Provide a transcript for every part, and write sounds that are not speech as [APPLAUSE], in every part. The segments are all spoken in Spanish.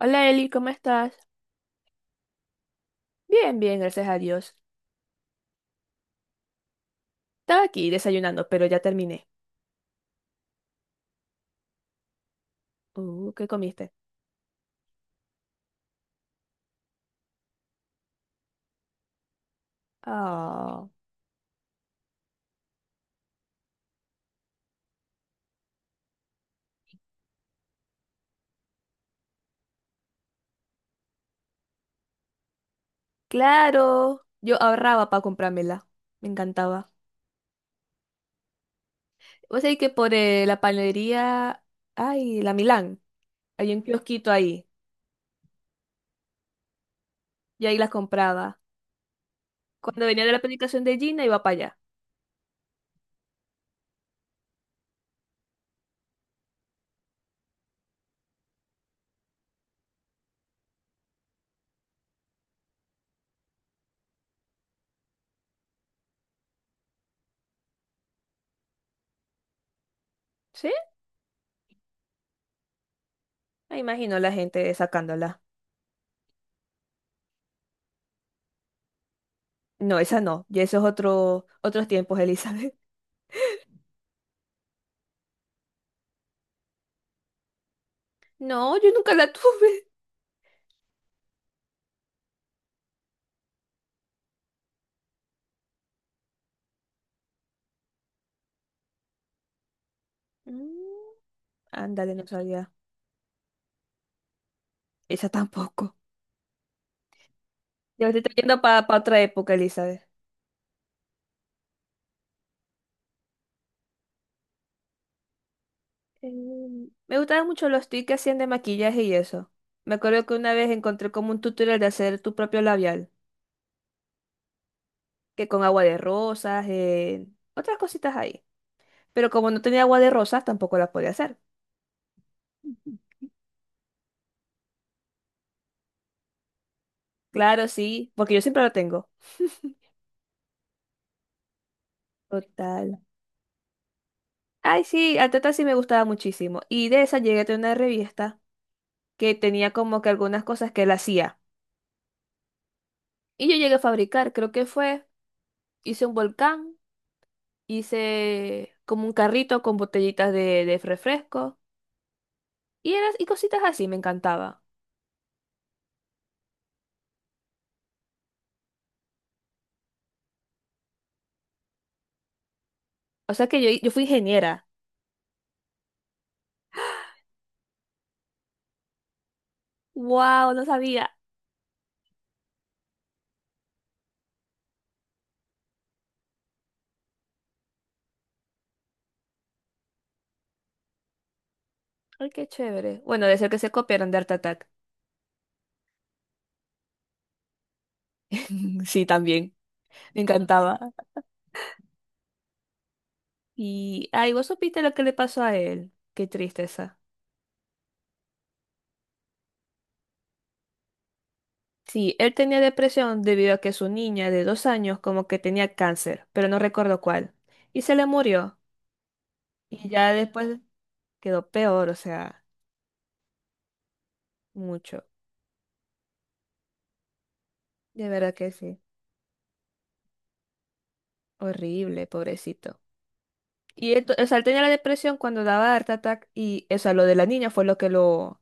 Hola Eli, ¿cómo estás? Bien, bien, gracias a Dios. Estaba aquí desayunando, pero ya terminé. ¿Qué comiste? Ah, claro. Yo ahorraba para comprármela. Me encantaba. Vos sabés que por la panadería, ay, la Milán, hay un kiosquito ahí. Y ahí las compraba. Cuando venía de la predicación de Gina, iba para allá. ¿Sí? Me imagino la gente sacándola. No, esa no. Y esos otros tiempos, Elizabeth. [LAUGHS] No, yo nunca la tuve. Mm, Ándale, no sabía. Esa tampoco. Ya te estoy yendo para otra época, Elizabeth. Me gustaban mucho los tips que hacían de maquillaje y eso. Me acuerdo que una vez encontré como un tutorial de hacer tu propio labial, que con agua de rosas, otras cositas ahí. Pero como no tenía agua de rosas, tampoco la podía hacer. Ujú. Claro, sí, porque yo siempre lo tengo. Total. Ay, sí, al tata sí me gustaba muchísimo. Y de esa llegué a tener una revista que tenía como que algunas cosas que él hacía. Y yo llegué a fabricar, creo que fue, hice un volcán. Hice como un carrito con botellitas de refresco y cositas así, me encantaba. O sea que yo fui ingeniera. ¡Wow! No sabía. ¡Ay, qué chévere! Bueno, de ser que se copiaron de Art Attack. [LAUGHS] Sí, también. Me encantaba. Y, ay, vos supiste lo que le pasó a él. Qué tristeza. Sí, él tenía depresión debido a que su niña de 2 años como que tenía cáncer, pero no recuerdo cuál. Y se le murió. Y ya después quedó peor, o sea, mucho. De verdad que sí. Horrible, pobrecito. Y él, o sea, él tenía la depresión cuando daba Art Attack y, o sea, lo de la niña fue lo que lo,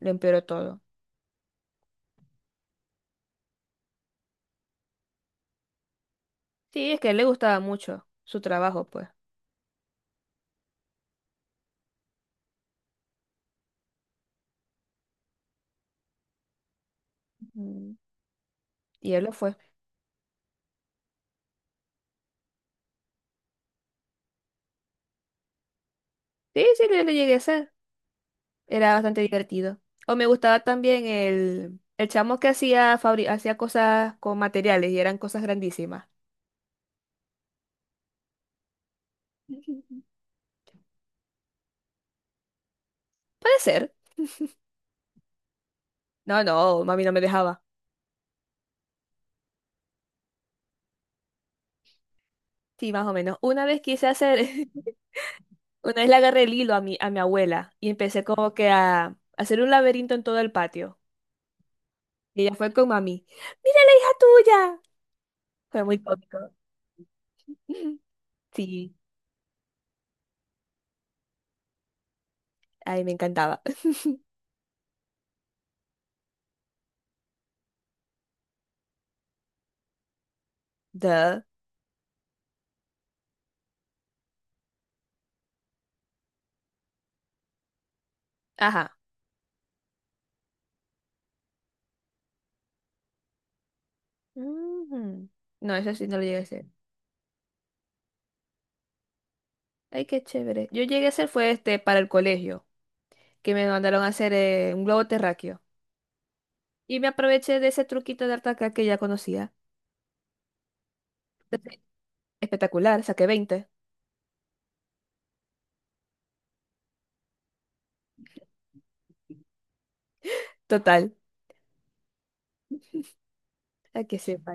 lo empeoró todo. Sí, es que a él le gustaba mucho su trabajo, pues. Mm. Y él lo fue. Sí, sí, yo lo llegué a hacer. Era bastante divertido. O me gustaba también el chamo que hacía, hacía cosas con materiales y eran cosas grandísimas. [LAUGHS] Puede ser. No, no, mami no me dejaba. Sí, más o menos. Una vez quise hacer, [LAUGHS] una vez le agarré el hilo a mi abuela y empecé como que a hacer un laberinto en todo el patio. Y ella fue con mami. ¡Mira la hija tuya! Fue muy cómico. [LAUGHS] Sí, ay, me encantaba. [LAUGHS] Duh. Ajá. Ujú. No, eso sí no lo llegué a hacer. Ay, qué chévere. Yo llegué a hacer fue este para el colegio, que me mandaron a hacer un globo terráqueo. Y me aproveché de ese truquito de artaca que ya conocía. Entonces, espectacular, saqué 20. Total. Hay que sepa.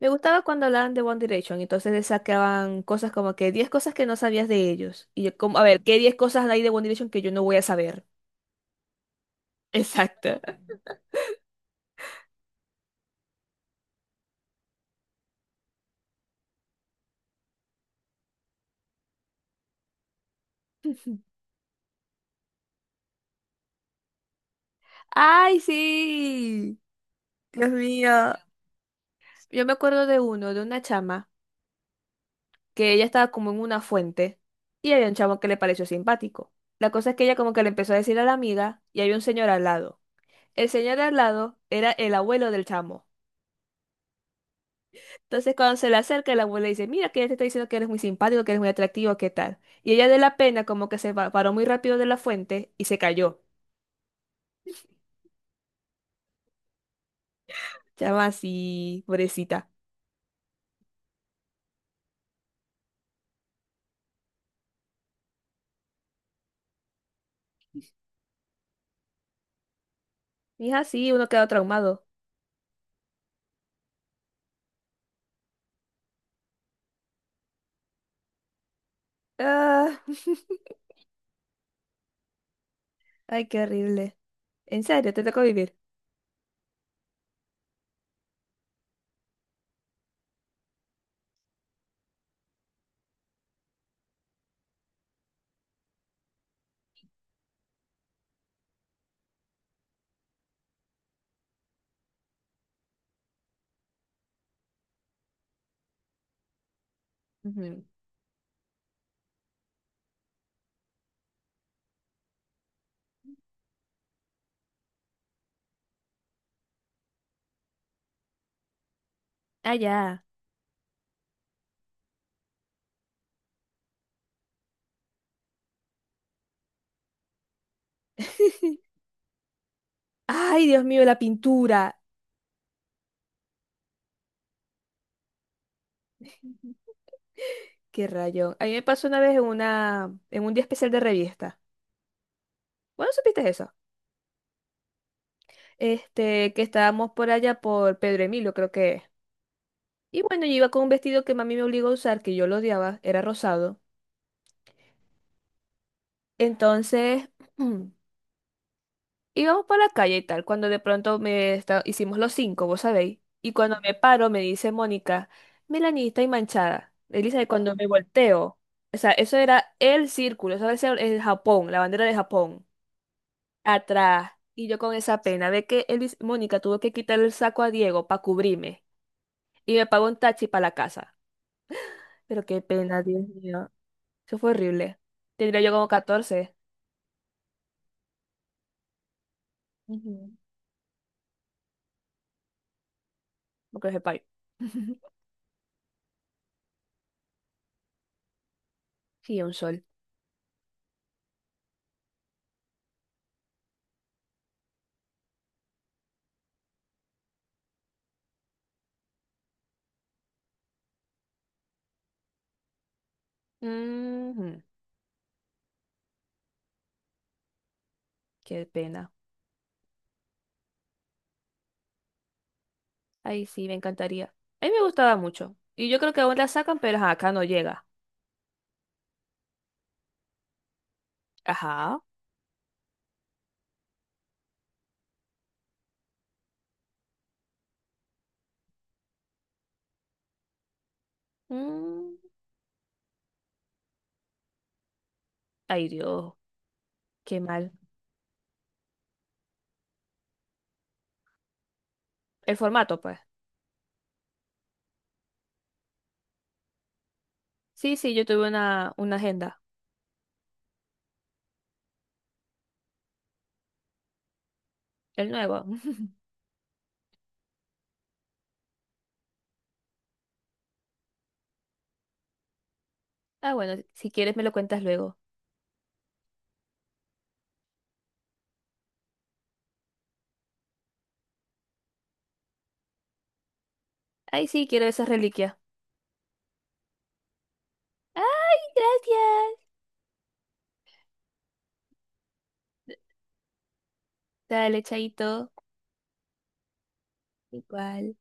Me gustaba cuando hablaban de One Direction, entonces le sacaban cosas como que 10 cosas que no sabías de ellos. Y yo como, a ver, ¿qué 10 cosas hay de One Direction que yo no voy a saber? Exacto. [LAUGHS] ¡Ay, sí! Dios mío. Yo me acuerdo de uno, de una chama, que ella estaba como en una fuente y había un chamo que le pareció simpático. La cosa es que ella como que le empezó a decir a la amiga y había un señor al lado. El señor al lado era el abuelo del chamo. Entonces, cuando se le acerca, la abuela le dice, mira, que ella te está diciendo que eres muy simpático, que eres muy atractivo, ¿qué tal? Y ella de la pena como que paró muy rápido de la fuente y se cayó. Chama así, pobrecita. Mija, sí, uno queda traumado. Ah, [LAUGHS] ay, qué horrible. ¿En serio? ¿Te tocó vivir? Ujú. Ah, ya. [LAUGHS] Ay, Dios mío, la pintura. Qué rayo. A mí me pasó una vez en una, en un día especial de revista. Bueno, ¿supiste eso? Este, que estábamos por allá por Pedro Emilio, creo que es. Y bueno, yo iba con un vestido que mami me obligó a usar, que yo lo odiaba, era rosado. Entonces, [CLEARS THROAT] mm, íbamos por la calle y tal, cuando de pronto hicimos los cinco, vos sabéis. Y cuando me paro, me dice Mónica, Melanie, y manchada. Elisa, y cuando me volteo, o sea, eso era el círculo, eso era el Japón, la bandera de Japón, atrás. Y yo con esa pena de que Mónica tuvo que quitar el saco a Diego para cubrirme. Y me pagó un taxi para la casa. Pero qué pena, Dios mío. Eso fue horrible. Tendría yo como 14. Ujú. Porque es payo. [LAUGHS] Sí, un sol. Ujú, qué pena. Ay, sí, me encantaría. A mí me gustaba mucho. Y yo creo que aún la sacan, pero ajá, acá no llega. Ajá. Mm, ay, Dios. Qué mal. El formato, pues. Sí, sí, yo tuve una agenda. El nuevo. [LAUGHS] Ah, bueno, si quieres me lo cuentas luego. Ay, sí, quiero esas reliquias. Ay, gracias. Dale, chaito. Igual.